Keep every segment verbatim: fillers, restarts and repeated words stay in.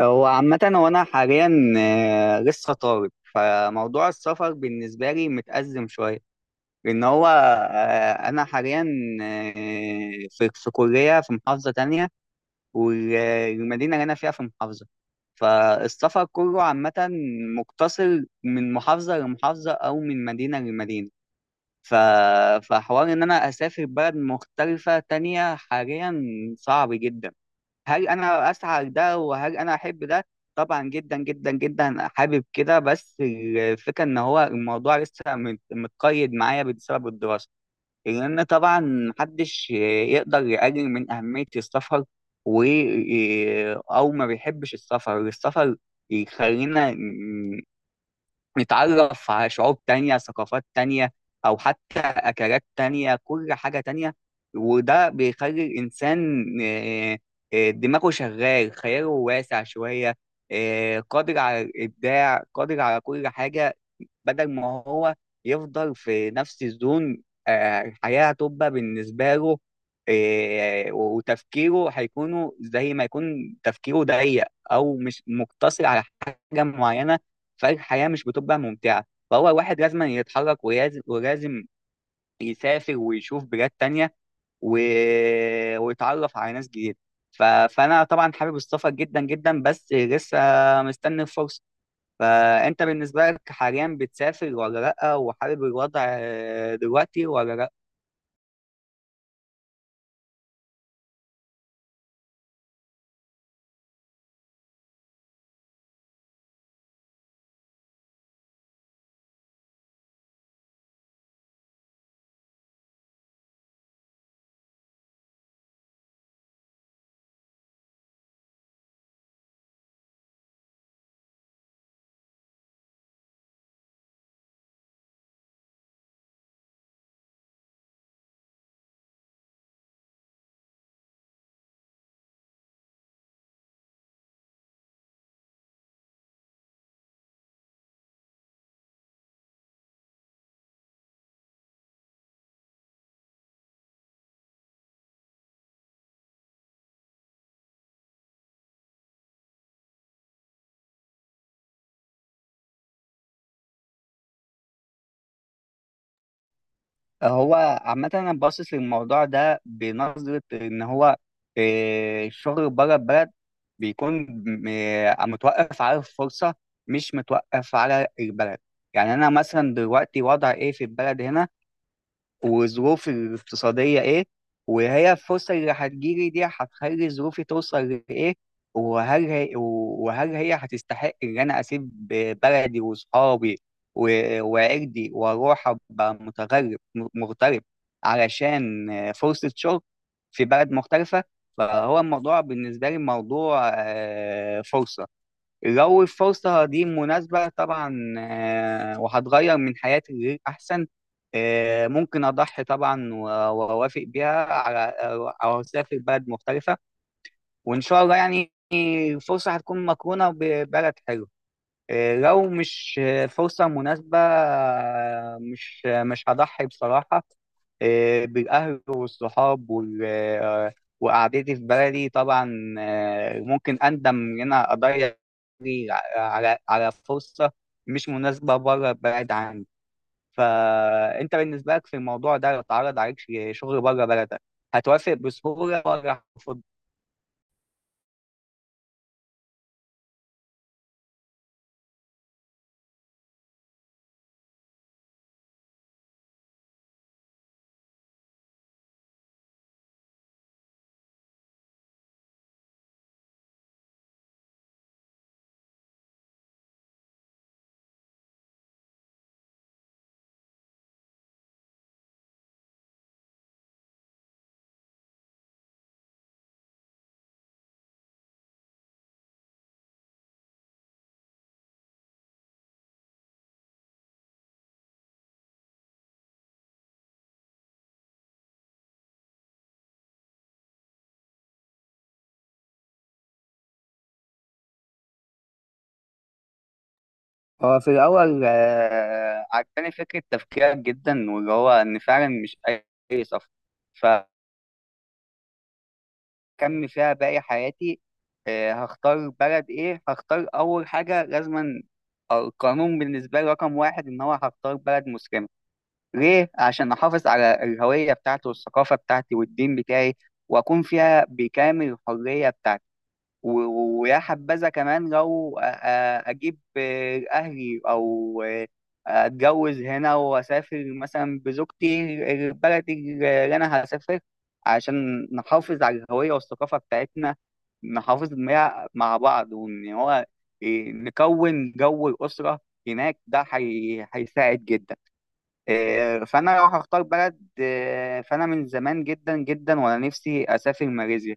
هو عامة، هو أنا حاليا آه، لسه طالب. فموضوع السفر بالنسبة لي متأزم شوية، لأن هو آه، أنا حاليا آه، في في كلية في محافظة تانية، والمدينة اللي أنا فيها في محافظة. فالسفر كله عامة مقتصر من محافظة لمحافظة أو من مدينة لمدينة. ف- فحوار إن أنا أسافر بلد مختلفة تانية حاليا صعب جدا. هل انا اسعى ده وهل انا احب ده؟ طبعا، جدا جدا جدا حابب كده. بس الفكره ان هو الموضوع لسه مت- متقيد معايا بسبب الدراسه، لان طبعا محدش يقدر يقلل من اهميه السفر. و او ما بيحبش السفر. السفر يخلينا نتعرف على شعوب تانية، ثقافات تانية، أو حتى أكلات تانية، كل حاجة تانية. وده بيخلي الإنسان آه، آه، دماغه شغال، خياله واسع شوية، آه، قادر على الإبداع، قادر على كل حاجة، بدل ما هو يفضل في نفس الزون. آه، الحياة هتبقى بالنسبة له آه، وتفكيره هيكونوا زي ما يكون تفكيره ضيق، أو مش مقتصر على حاجة معينة. فالحياة مش بتبقى ممتعة، فهو واحد لازم يتحرك، ولازم ولازم يسافر ويشوف بلاد تانية و... ويتعرف على ناس جديدة. ف... فأنا طبعا حابب السفر جدا جدا، بس لسه مستني الفرصة. فأنت بالنسبة لك حاليا بتسافر ولا لأ، وحابب الوضع آه، دلوقتي ولا لأ؟ هو عامة أنا باصص للموضوع ده بنظرة إن هو، إيه، الشغل بره البلد بيكون م- إيه، متوقف على الفرصة، مش متوقف على البلد. يعني أنا مثلا دلوقتي وضع إيه في البلد هنا، وظروفي الاقتصادية إيه، وهي الفرصة اللي هتجيلي دي هتخلي ظروفي توصل لإيه، وهل هي وهل هي هتستحق إن أنا أسيب بلدي وصحابي و- وعيلتي، وأروح أبقى متغرب، م- مغترب علشان فرصة شغل في بلد مختلفة. فهو الموضوع بالنسبة لي موضوع آه، فرصة. لو الفرصة دي مناسبة طبعا، آه، وهتغير من حياتي لغير أحسن، آه، ممكن أضحي طبعا و- وأوافق بيها على، آه، أو أسافر بلد مختلفة. وإن شاء الله يعني الفرصة هتكون مقرونة ببلد حلو. آه، لو مش آه، فرصة مناسبة، آه، مش آه، مش هضحي بصراحة آه، بالأهل والصحاب وال- آه، وقعدتي في بلدي طبعا. آه، ممكن أندم إن أنا أضيع على على فرصة مش مناسبة بره البلد عندي. فأنت بالنسبة لك في الموضوع ده، لو اتعرض عليك شغل بره بلدك، هتوافق بسهولة ولا هترفض؟ هو في الأول، آه، عجباني فكرة تفكيرك جدا، واللي هو إن فعلا مش أي أي سفر. ف اكمل فيها باقي حياتي، آه، هختار بلد ايه. هختار اول حاجه لازما القانون بالنسبه لي، رقم واحد، ان هو هختار بلد مسلمه. ليه؟ عشان احافظ على الهويه بتاعتي والثقافه بتاعتي والدين بتاعي، واكون فيها بكامل الحريه بتاعتي. و- و- ويا حبذا كمان لو أ- أ- اجيب آه، اهلي او آه، اتجوز هنا واسافر مثلا بزوجتي البلد اللي انا هسافر، عشان نحافظ على الهوية والثقافة بتاعتنا، نحافظ مع مع بعض، وان هو آه، نكون جو الأسرة هناك. ده هي- هيساعد جدا. إيه، فانا لو هختار بلد، إيه، فانا من زمان جدا جدا وانا نفسي اسافر ماليزيا.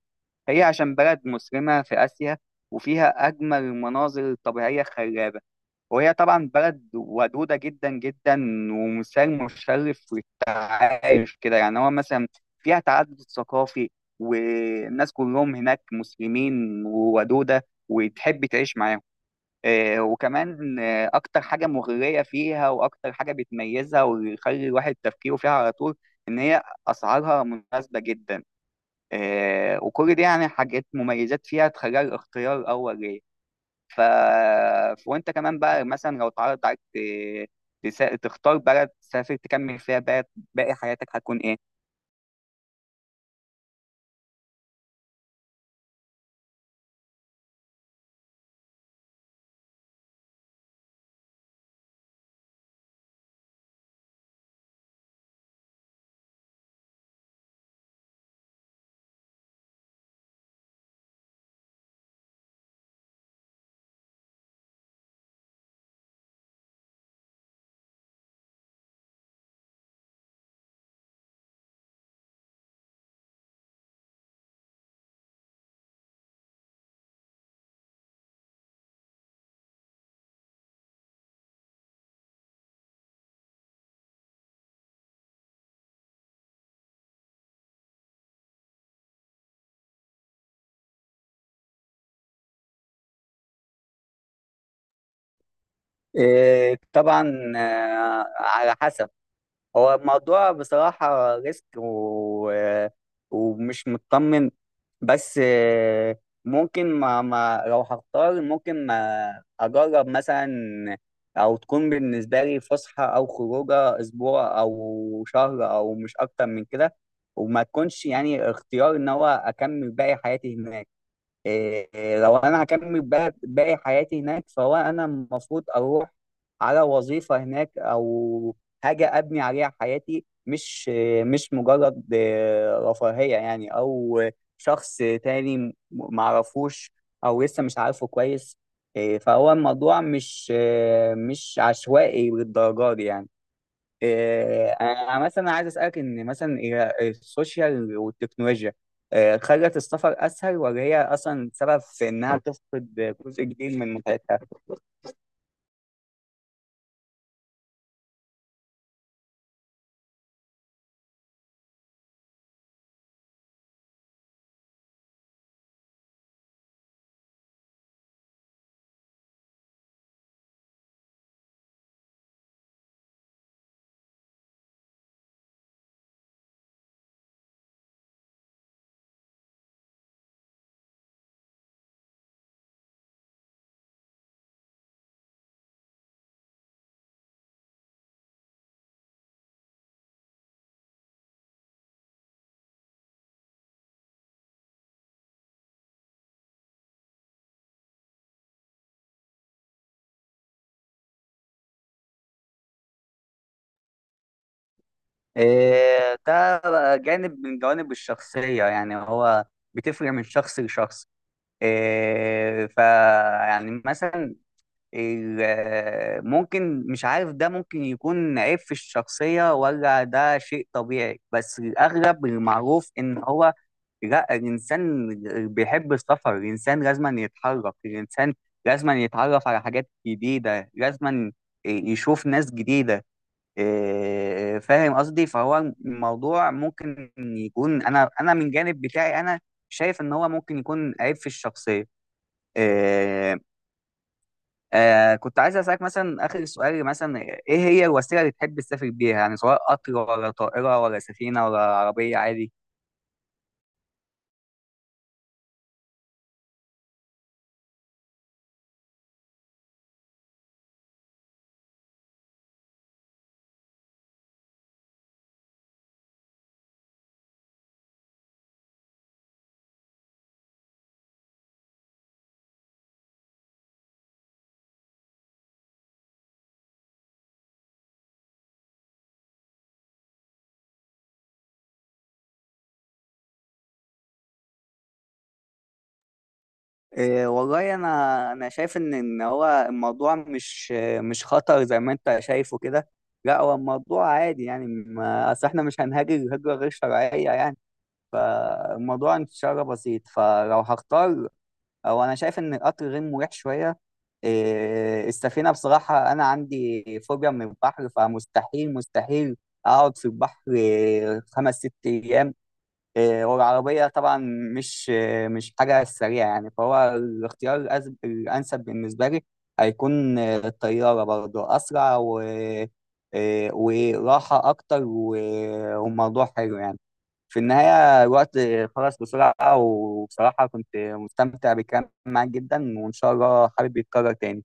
هي عشان بلد مسلمه في اسيا، وفيها اجمل المناظر الطبيعيه الخلابه، وهي طبعا بلد ودوده جدا جدا، ومثال مشرف للتعايش كده. يعني هو مثلا فيها تعدد ثقافي، والناس كلهم هناك مسلمين وودوده وتحب تعيش معاهم. آه، وكمان، آه، اكتر حاجه مغريه فيها واكتر حاجه بتميزها ويخلي الواحد تفكيره فيها على طول، ان هي اسعارها مناسبه جدا. آه، وكل دي يعني حاجات مميزات فيها تخليها الاختيار الاول ليه. ف... ف- وانت كمان بقى، مثلا لو اتعرض عليك ت- تسا- تختار بلد تسافر تكمل فيها بقى باقي حياتك، هتكون ايه؟ آه، طبعا، آه، على حسب. هو الموضوع بصراحة ريسك و... ومش مطمن. بس، آه، ممكن ما, ما لو هختار ممكن ما أجرب مثلا، أو تكون بالنسبة لي فسحة أو خروجة أسبوع أو شهر أو مش أكتر من كده. وما تكونش يعني اختيار إن هو أكمل باقي حياتي هناك. إيه، لو انا هكمل بقى باقي حياتي هناك، فهو انا المفروض اروح على وظيفة هناك، او حاجة ابني عليها حياتي، مش مش مجرد آه، رفاهية يعني، او شخص تاني م- معرفوش او لسه مش عارفه كويس. إيه، فهو الموضوع مش، آه، مش عشوائي بالدرجة دي يعني. آه، انا مثلا عايز اسالك، ان مثلا هي السوشيال والتكنولوجيا، آه، خلت السفر اسهل، ولا هي اصلا سبب في انها تفقد جزء كبير من متعتها؟ آه، ده جانب من جوانب الشخصيه يعني، هو بتفرق من شخص لشخص. آه، ف يعني مثلا، ال- ممكن مش عارف ده، ممكن يكون عيب في الشخصية ولا ده شيء طبيعي، بس الأغلب المعروف إن هو، لا، الإنسان بيحب السفر، الإنسان لازم يتحرك، الإنسان لازم يتعرف على حاجات جديدة، لازم يشوف ناس جديدة. إيه، فاهم قصدي؟ فهو الموضوع ممكن يكون، أنا أنا من جانب بتاعي، أنا شايف إن هو ممكن يكون عيب في الشخصية. إيه، آه كنت عايز اسالك مثلا اخر سؤال، مثلا ايه هي الوسيله اللي تحب تسافر بيها، يعني سواء قطر ولا طائره ولا سفينه ولا عربيه عادي؟ إيه، والله انا انا شايف ان ان هو الموضوع مش مش خطر زي ما انت شايفه كده. لا، هو الموضوع عادي يعني، ما اصل احنا مش هنهاجر هجره غير شرعيه يعني. فالموضوع ان شاء الله بسيط. فلو هختار، او انا شايف ان القطر غير مريح شويه. إيه، السفينه بصراحه انا عندي فوبيا من البحر، فمستحيل مستحيل اقعد في البحر إيه، خمس ست ايام. إيه، والعربيه طبعا مش، إيه، مش حاجه سريعه يعني. فهو الاختيار الأز- الانسب بالنسبه لي هيكون، إيه، الطياره برضه اسرع و، إيه، وراحه اكتر و- وموضوع حلو يعني. في النهاية الوقت خلص بسرعة، وبصراحة كنت مستمتع بالكلام معاك جدا، وإن شاء الله حابب يتكرر تاني.